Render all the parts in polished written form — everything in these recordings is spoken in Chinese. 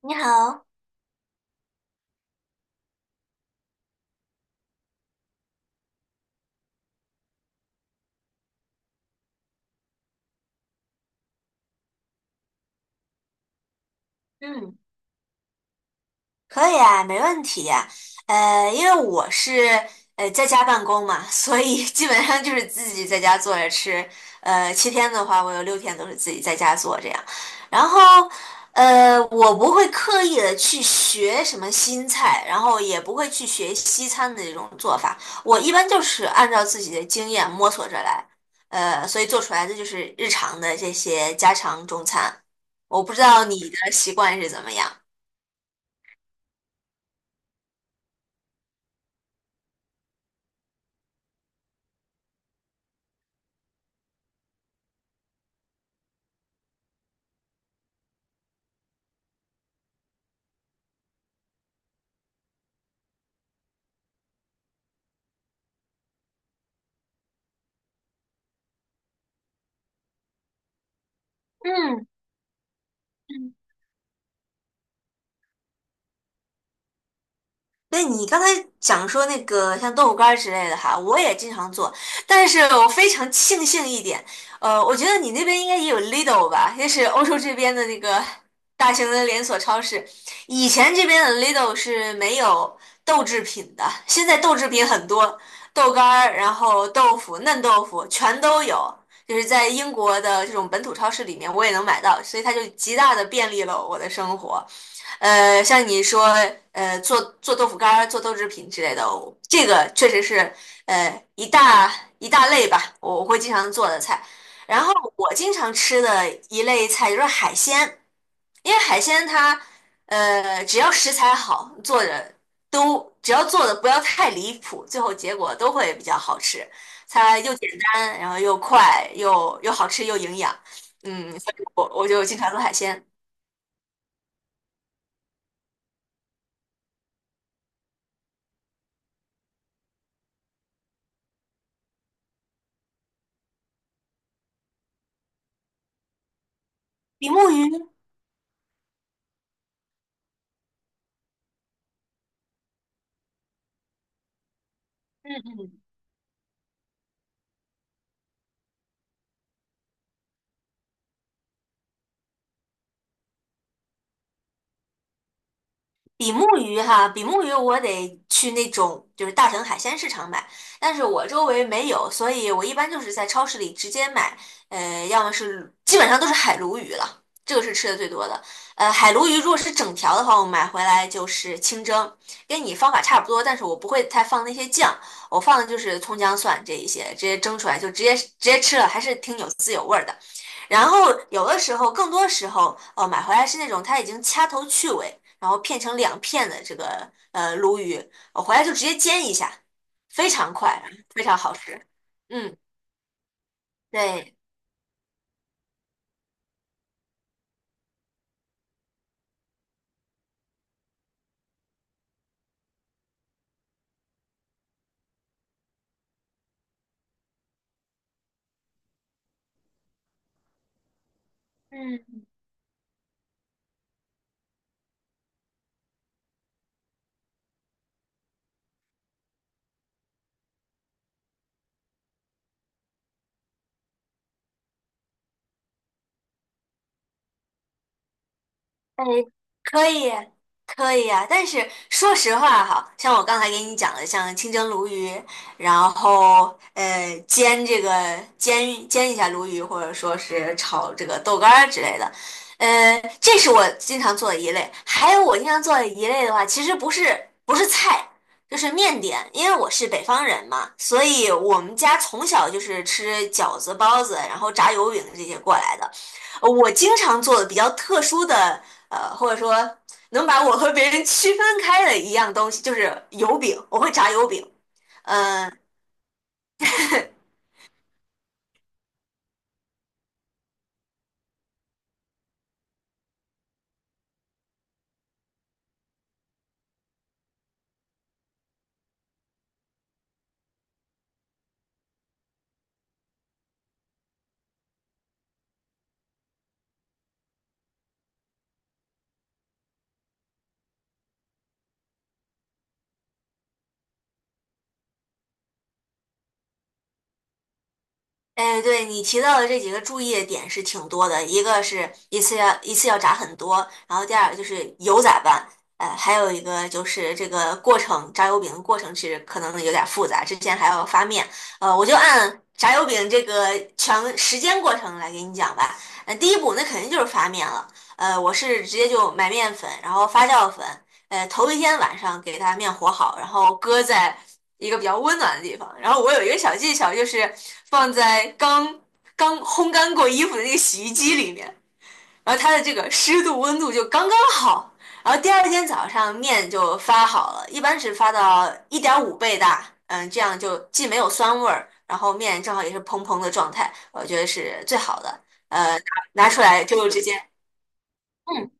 你好，嗯，可以啊，没问题呀，因为我是在家办公嘛，所以 基本上就是自己在家做着吃。7天的话，我有6天都是自己在家做这样。然后，我不会刻意的去学什么新菜，然后也不会去学西餐的这种做法。我一般就是按照自己的经验摸索着来，所以做出来的就是日常的这些家常中餐。我不知道你的习惯是怎么样。嗯嗯，那你刚才讲说那个像豆腐干儿之类的哈，我也经常做，但是我非常庆幸一点，我觉得你那边应该也有 Lidl 吧，也是欧洲这边的那个 大型的连锁超市。以前这边的 Lidl 是没有豆制品的，现在豆制品很多，豆干儿，然后豆腐、嫩豆腐全都有，就是在英国的这种本土超市里面我也能买到，所以它就极大的便利了我的生活。像你说，做做豆腐干儿、做豆制品之类的，我这个确实是呃一大一大类吧，我会经常做的菜。然后我经常吃的一类菜就是海鲜，因为海鲜它只要食材好，做的都只要做的不要太离谱，最后结果都会比较好吃。它又简单，然后又快，又好吃又营养，嗯，所以我就经常做海鲜。比目鱼。比目鱼哈，比目鱼我得去那种就是大城海鲜市场买，但是我周围没有，所以我一般就是在超市里直接买，要么是基本上都是海鲈鱼了，这个是吃的最多的。海鲈鱼如果是整条的话，我买回来就是清蒸，跟你方法差不多，但是我不会太放那些酱，我放的就是葱姜蒜这一些，直接蒸出来就直接吃了，还是挺有滋有味儿的。然后有的时候，更多时候，买回来是那种它已经掐头去尾，然后片成2片的这个鲈鱼，我回来就直接煎一下，非常快，非常好吃。嗯，对。嗯。哎，可以，可以啊，但是说实话哈，像我刚才给你讲的，像清蒸鲈鱼，然后呃煎这个煎煎一下鲈鱼，或者说是炒这个豆干儿之类的，这是我经常做的一类。还有我经常做的一类的话，其实不是菜，就是面点，因为我是北方人嘛，所以我们家从小就是吃饺子、包子，然后炸油饼这些过来的。我经常做的比较特殊的。或者说能把我和别人区分开的一样东西，就是油饼，我会炸油饼。嗯，哎，对，你提到的这几个注意的点是挺多的，一个是一次要炸很多，然后第二个就是油咋办？还有一个就是这个过程，炸油饼的过程其实可能有点复杂，之前还要发面。我就按炸油饼这个全时间过程来给你讲吧。第一步那肯定就是发面了。我是直接就买面粉，然后发酵粉。头一天晚上给它面和好，然后搁在一个比较温暖的地方。然后我有一个小技巧，就是放在刚刚烘干过衣服的那个洗衣机里面，然后它的这个湿度、温度就刚刚好。然后第二天早上面就发好了，一般是发到1.5倍大，嗯，这样就既没有酸味儿，然后面正好也是蓬蓬的状态，我觉得是最好的。拿出来就直接，嗯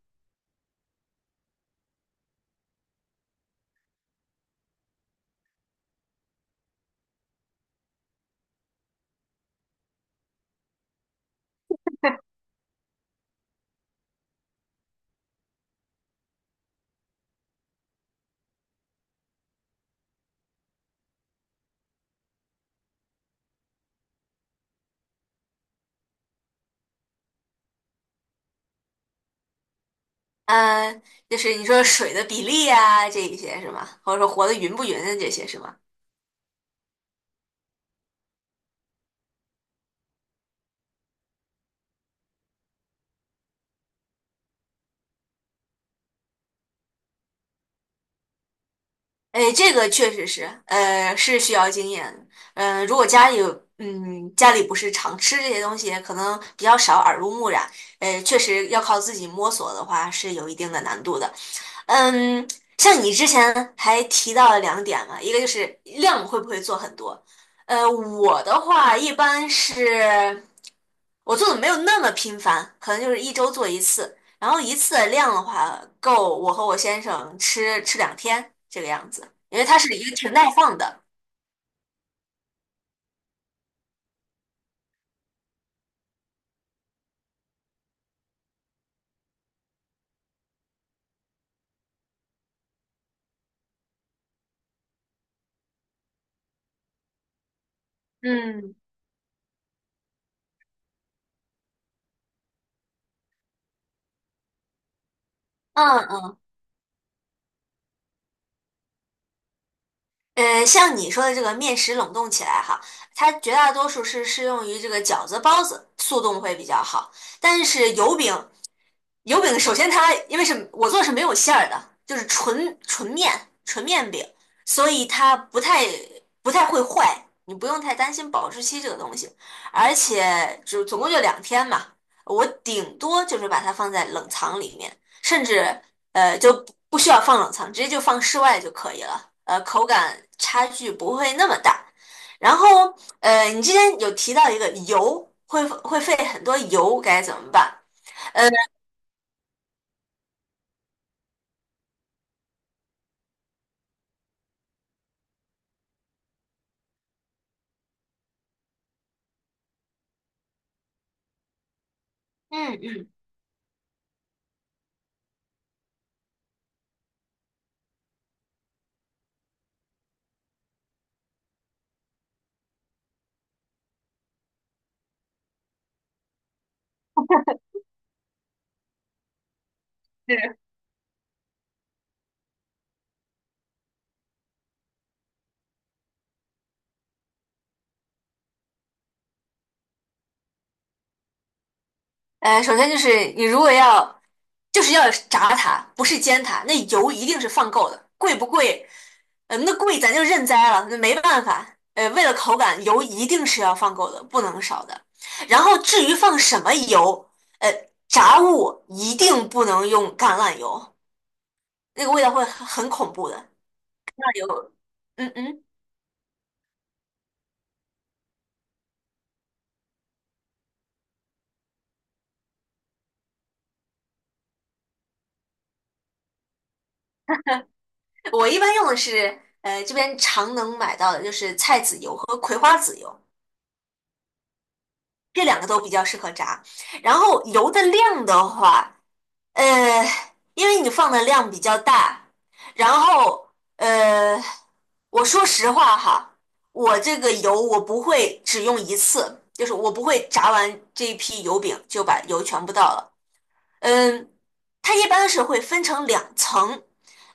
嗯，就是你说水的比例啊，这一些是吗？或者说和的匀不匀的这些是吗？哎，这个确实是，是需要经验的。嗯，如果家里有，嗯，家里不是常吃这些东西，可能比较少耳濡目染。确实要靠自己摸索的话，是有一定的难度的。嗯，像你之前还提到了2点嘛，一个就是量会不会做很多。我的话一般是，我做的没有那么频繁，可能就是一周做一次，然后一次的量的话够我和我先生吃吃两天这个样子，因为它是一个挺耐放的。嗯，嗯，像你说的这个面食冷冻起来哈，它绝大多数是适用于这个饺子、包子，速冻会比较好。但是油饼首先它因为是我做的是没有馅儿的，就是纯面饼，所以它不太会坏，你不用太担心保质期这个东西。而且就总共就两天嘛，我顶多就是把它放在冷藏里面，甚至。就不需要放冷藏，直接就放室外就可以了。口感差距不会那么大。然后，你之前有提到一个油会费很多油，该怎么办？嗯嗯首先就是你如果要，就是要炸它，不是煎它，那油一定是放够的，贵不贵？那贵咱就认栽了，那没办法。为了口感，油一定是要放够的，不能少的。然后至于放什么油，呃，炸物一定不能用橄榄油，那个味道会很恐怖的。那榄油，嗯嗯，我一般用的是这边常能买到的，就是菜籽油和葵花籽油。这两个都比较适合炸。然后油的量的话，呃，因为你放的量比较大，然后呃，我说实话哈，我这个油我不会只用一次，就是我不会炸完这一批油饼就把油全部倒了。嗯，它一般是会分成2层，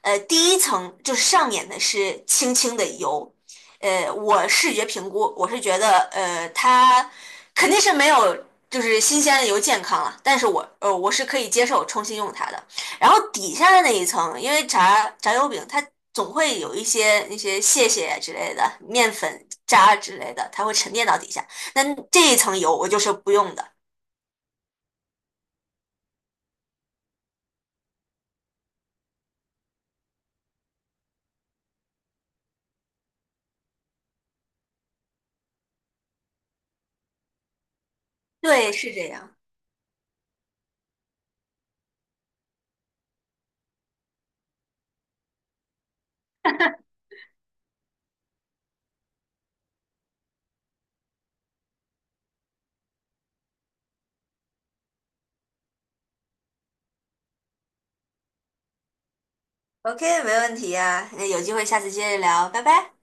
第一层就是上面的是轻轻的油，我视觉评估，我是觉得，它肯定是没有就是新鲜的油健康了，但是我是可以接受重新用它的。然后底下的那一层，因为炸油饼它总会有一些那些屑屑之类的、面粉渣之类的，它会沉淀到底下，那这一层油我就是不用的。对，是这样。OK,没问题呀，那有机会下次接着聊，拜拜。